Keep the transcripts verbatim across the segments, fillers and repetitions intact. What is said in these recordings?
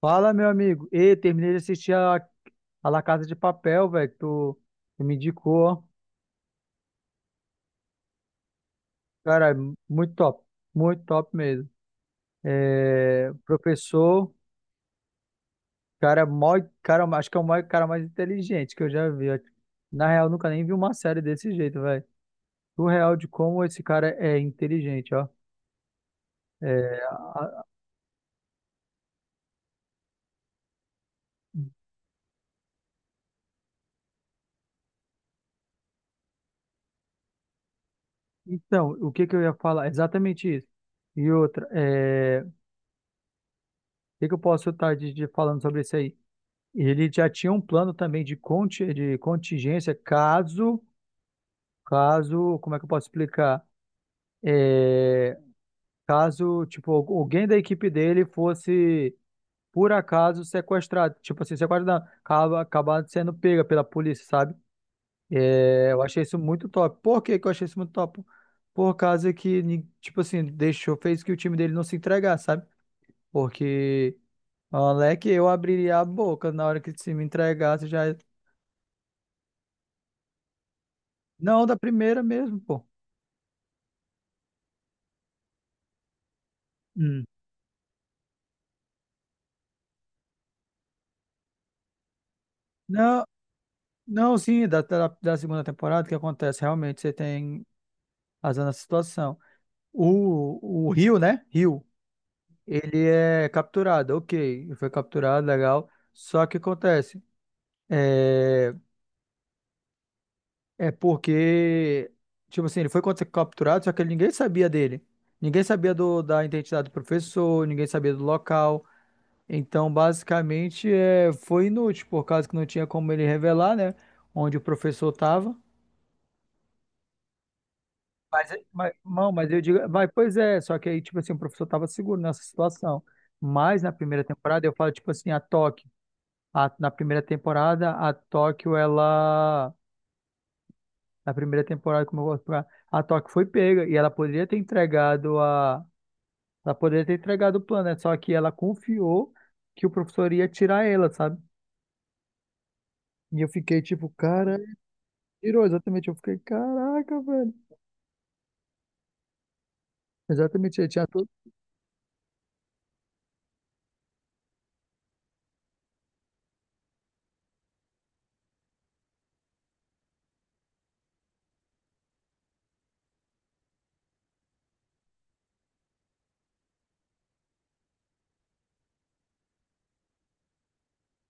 Fala, meu amigo. Ei, terminei de assistir a, a La Casa de Papel, velho, que tu, tu me indicou, ó. Cara, muito top. Muito top mesmo. É, professor, cara, mó, cara, acho que é o maior cara mais inteligente que eu já vi, ó. Na real, nunca nem vi uma série desse jeito, velho. O real de como esse cara é inteligente, ó. É, a- então, o que que eu ia falar? Exatamente isso. E outra, é, o que que eu posso estar de, de falando sobre isso aí? Ele já tinha um plano também de, conti- de contingência caso, caso, como é que eu posso explicar? É, Caso, tipo, al- alguém da equipe dele fosse, por acaso, sequestrado. Tipo assim, sequestrado, acaba, acabar sendo pega pela polícia, sabe? É, eu achei isso muito top. Por que que eu achei isso muito top? Por causa que, ni- tipo assim, deixou, fez que o time dele não se entregasse, sabe? Porque, moleque, eu abriria a boca na hora que se me entregasse, já. Não, da primeira mesmo, pô. Hum. Não, não, sim, da, da, da segunda temporada, o que acontece? Realmente você tem razão na situação. O, o Rio, né? Rio, ele é capturado, ok. Ele foi capturado, legal. Só que acontece? É, é porque, tipo assim, ele foi capturado, só que ninguém sabia dele. Ninguém sabia do, da identidade do professor, ninguém sabia do local. Então, basicamente, é, foi inútil, por causa que não tinha como ele revelar, né? Onde o professor estava. Mas, eh, mas, não, mas eu digo, vai, pois é, só que aí, tipo assim, o professor estava seguro nessa situação. Mas na primeira temporada, eu falo, tipo assim, a Tóquio. A- na primeira temporada, a Tóquio, ela. Na primeira temporada, como eu gosto de falar, a Tóquio foi pega e ela poderia ter entregado a. Ela poderia ter entregado o plano, né? Só que ela confiou que o professor ia tirar ela, sabe? E eu fiquei tipo, cara. Tirou, exatamente. Eu fiquei, caraca, velho. Exatamente, ele tinha tudo.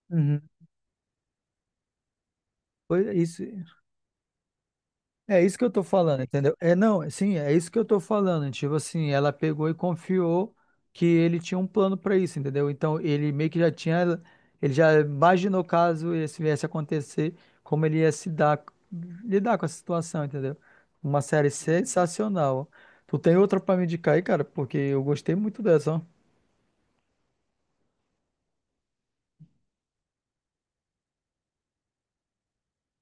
Uhum. Foi isso. É isso que eu tô falando, entendeu? É, não, sim, é isso que eu tô falando. Tipo assim, ela pegou e confiou que ele tinha um plano pra isso, entendeu? Então, ele meio que já tinha, ele já imaginou caso isso viesse a acontecer, como ele ia se dar, lidar com a situação, entendeu? Uma série sensacional. Tu tem outra pra me indicar aí, cara? Porque eu gostei muito dessa, ó.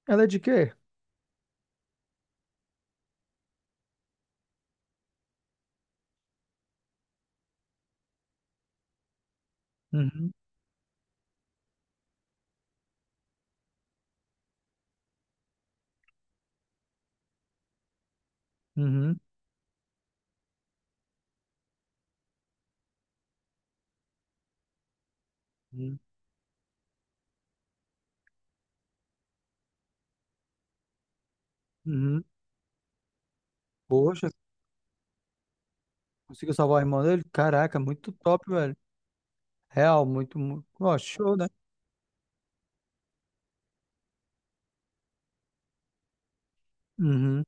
Ela é de quê? Uhum, uhum, uhum. Uhum. Poxa, conseguiu salvar o irmão dele? Caraca, muito top, velho. Real, muito, muito. Ó, show, né? Uhum,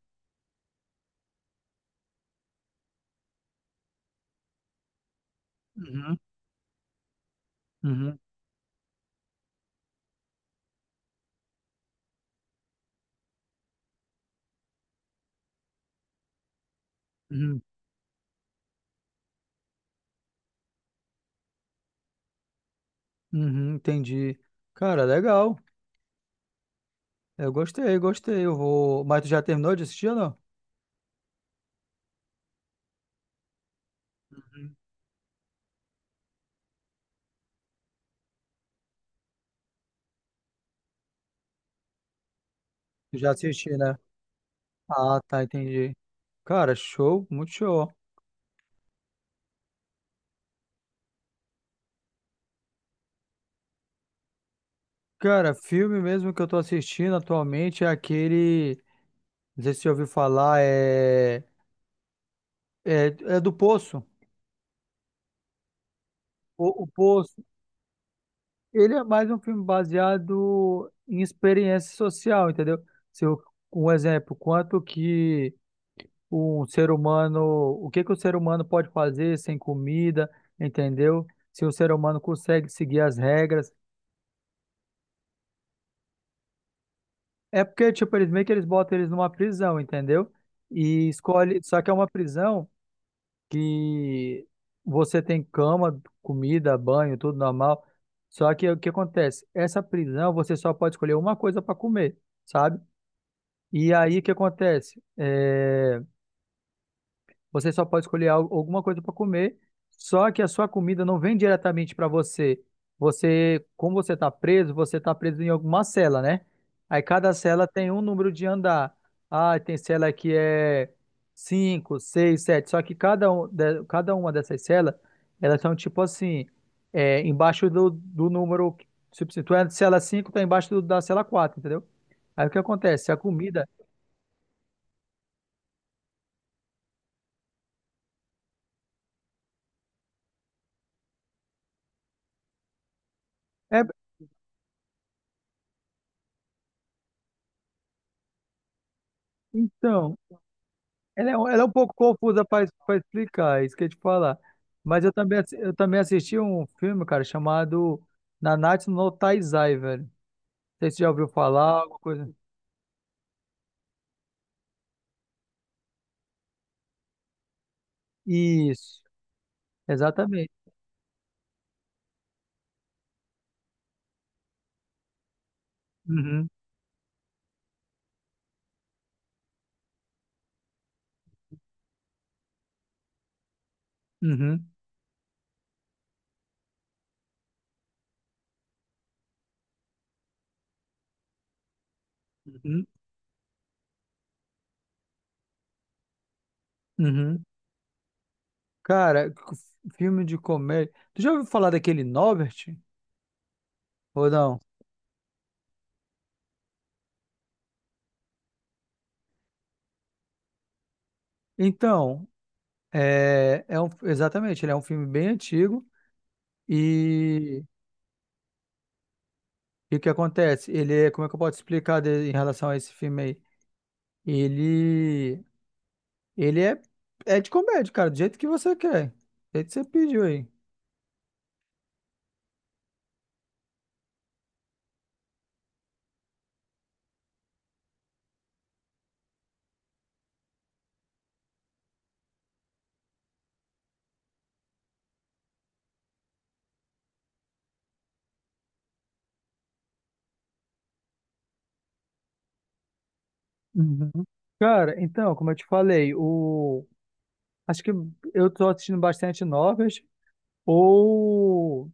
uhum, uhum, uhum, uhum, entendi. Cara, legal. Eu gostei, gostei. Eu vou. Mas tu já terminou de assistir ou não? Uhum. Tu já assisti, né? Ah, tá, entendi. Cara, show, muito show. Cara, filme mesmo que eu tô assistindo atualmente é aquele. Não sei se você ouviu falar, é. É, é do Poço. O, o Poço. Ele é mais um filme baseado em experiência social, entendeu? Se eu, um exemplo, quanto que. Um ser humano, o que que o ser humano pode fazer sem comida, entendeu? Se o ser humano consegue seguir as regras. É porque, tipo, eles meio que eles botam eles numa prisão, entendeu? E escolhe, só que é uma prisão que você tem cama, comida, banho, tudo normal. Só que o que acontece? Essa prisão você só pode escolher uma coisa para comer, sabe? E aí o que acontece? É... Você só pode escolher al- alguma coisa para comer, só que a sua comida não vem diretamente para você. Você, como você está preso, você está preso em alguma cela, né? Aí cada cela tem um número de andar. Ah, tem cela que é cinco, seis, sete. Só que cada, um, de- cada uma dessas celas, elas são tipo assim, é, embaixo do, do número. Se tu é de cela cinco, tá embaixo do- da cela quatro, entendeu? Aí o que acontece? A comida. É, então. Ela é, um- ela é um pouco confusa para explicar, é isso que eu ia te falar. Mas eu também, assi- eu também assisti um filme, cara, chamado Nanatsu no Taizai, velho. Não sei se você já ouviu falar, alguma coisa. Isso, exatamente. Uhum, uhum, uhum, uhum. Cara, c- filme de comédia. Tu já ouviu falar daquele Norbert? Ou não? Então, é, é um, exatamente, ele é um filme bem antigo e, e o que acontece? Ele é, como é que eu posso explicar de- em relação a esse filme aí? Ele, ele é, é de comédia, cara, do jeito que você quer. Do jeito que você pediu aí. Uhum. Cara, então, como eu te falei, o... acho que eu tô assistindo bastante novas, ou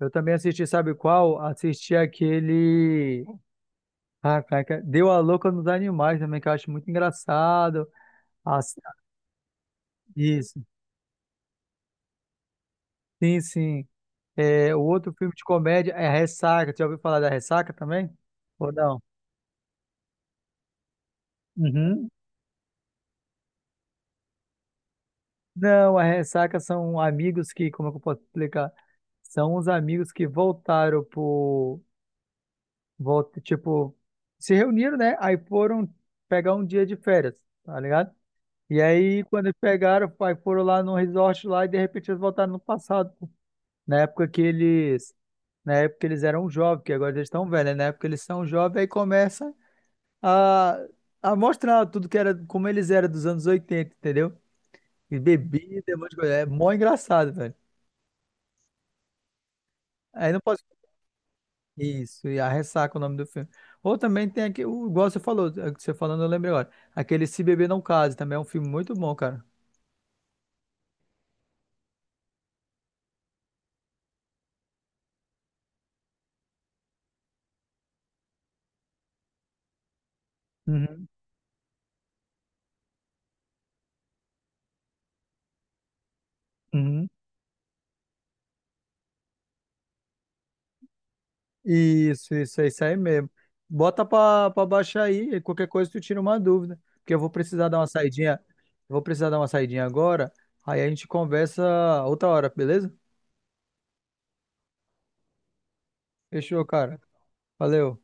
eu também assisti, sabe qual? Assisti aquele... Ah, cara, que- Deu a Louca nos Animais também, que eu acho muito engraçado. As- Isso, sim, sim. É, o outro filme de comédia é Ressaca, tu já ouviu falar da Ressaca também? Ou não? Uhum. Não, a ressaca são amigos que, como é que eu posso explicar? São os amigos que voltaram pro, volta, tipo, se reuniram, né? Aí foram pegar um dia de férias, tá ligado? E aí, quando eles pegaram, aí foram lá no resort lá e de repente eles voltaram no passado, pô. Na época que eles, na época eles eram jovens, que agora eles estão velhos, né? Na época eles são jovens, aí começa a, a mostrar tudo que era, como eles eram dos anos oitenta, entendeu? E bebida, um monte de coisa. É mó engraçado, velho. Aí não posso. Isso, e a ressaca é o nome do filme. Ou também tem aqui, o- igual você falou, é que você falando, eu lembrei agora. Aquele Se Beber Não Case também é um filme muito bom, cara. Uhum, uhum. Isso, isso, é isso aí mesmo. Bota pra, pra baixar aí, e qualquer coisa tu tira uma dúvida. Porque eu vou precisar dar uma saidinha. Eu vou precisar dar uma saidinha agora. Aí a gente conversa outra hora, beleza? Fechou, cara. Valeu.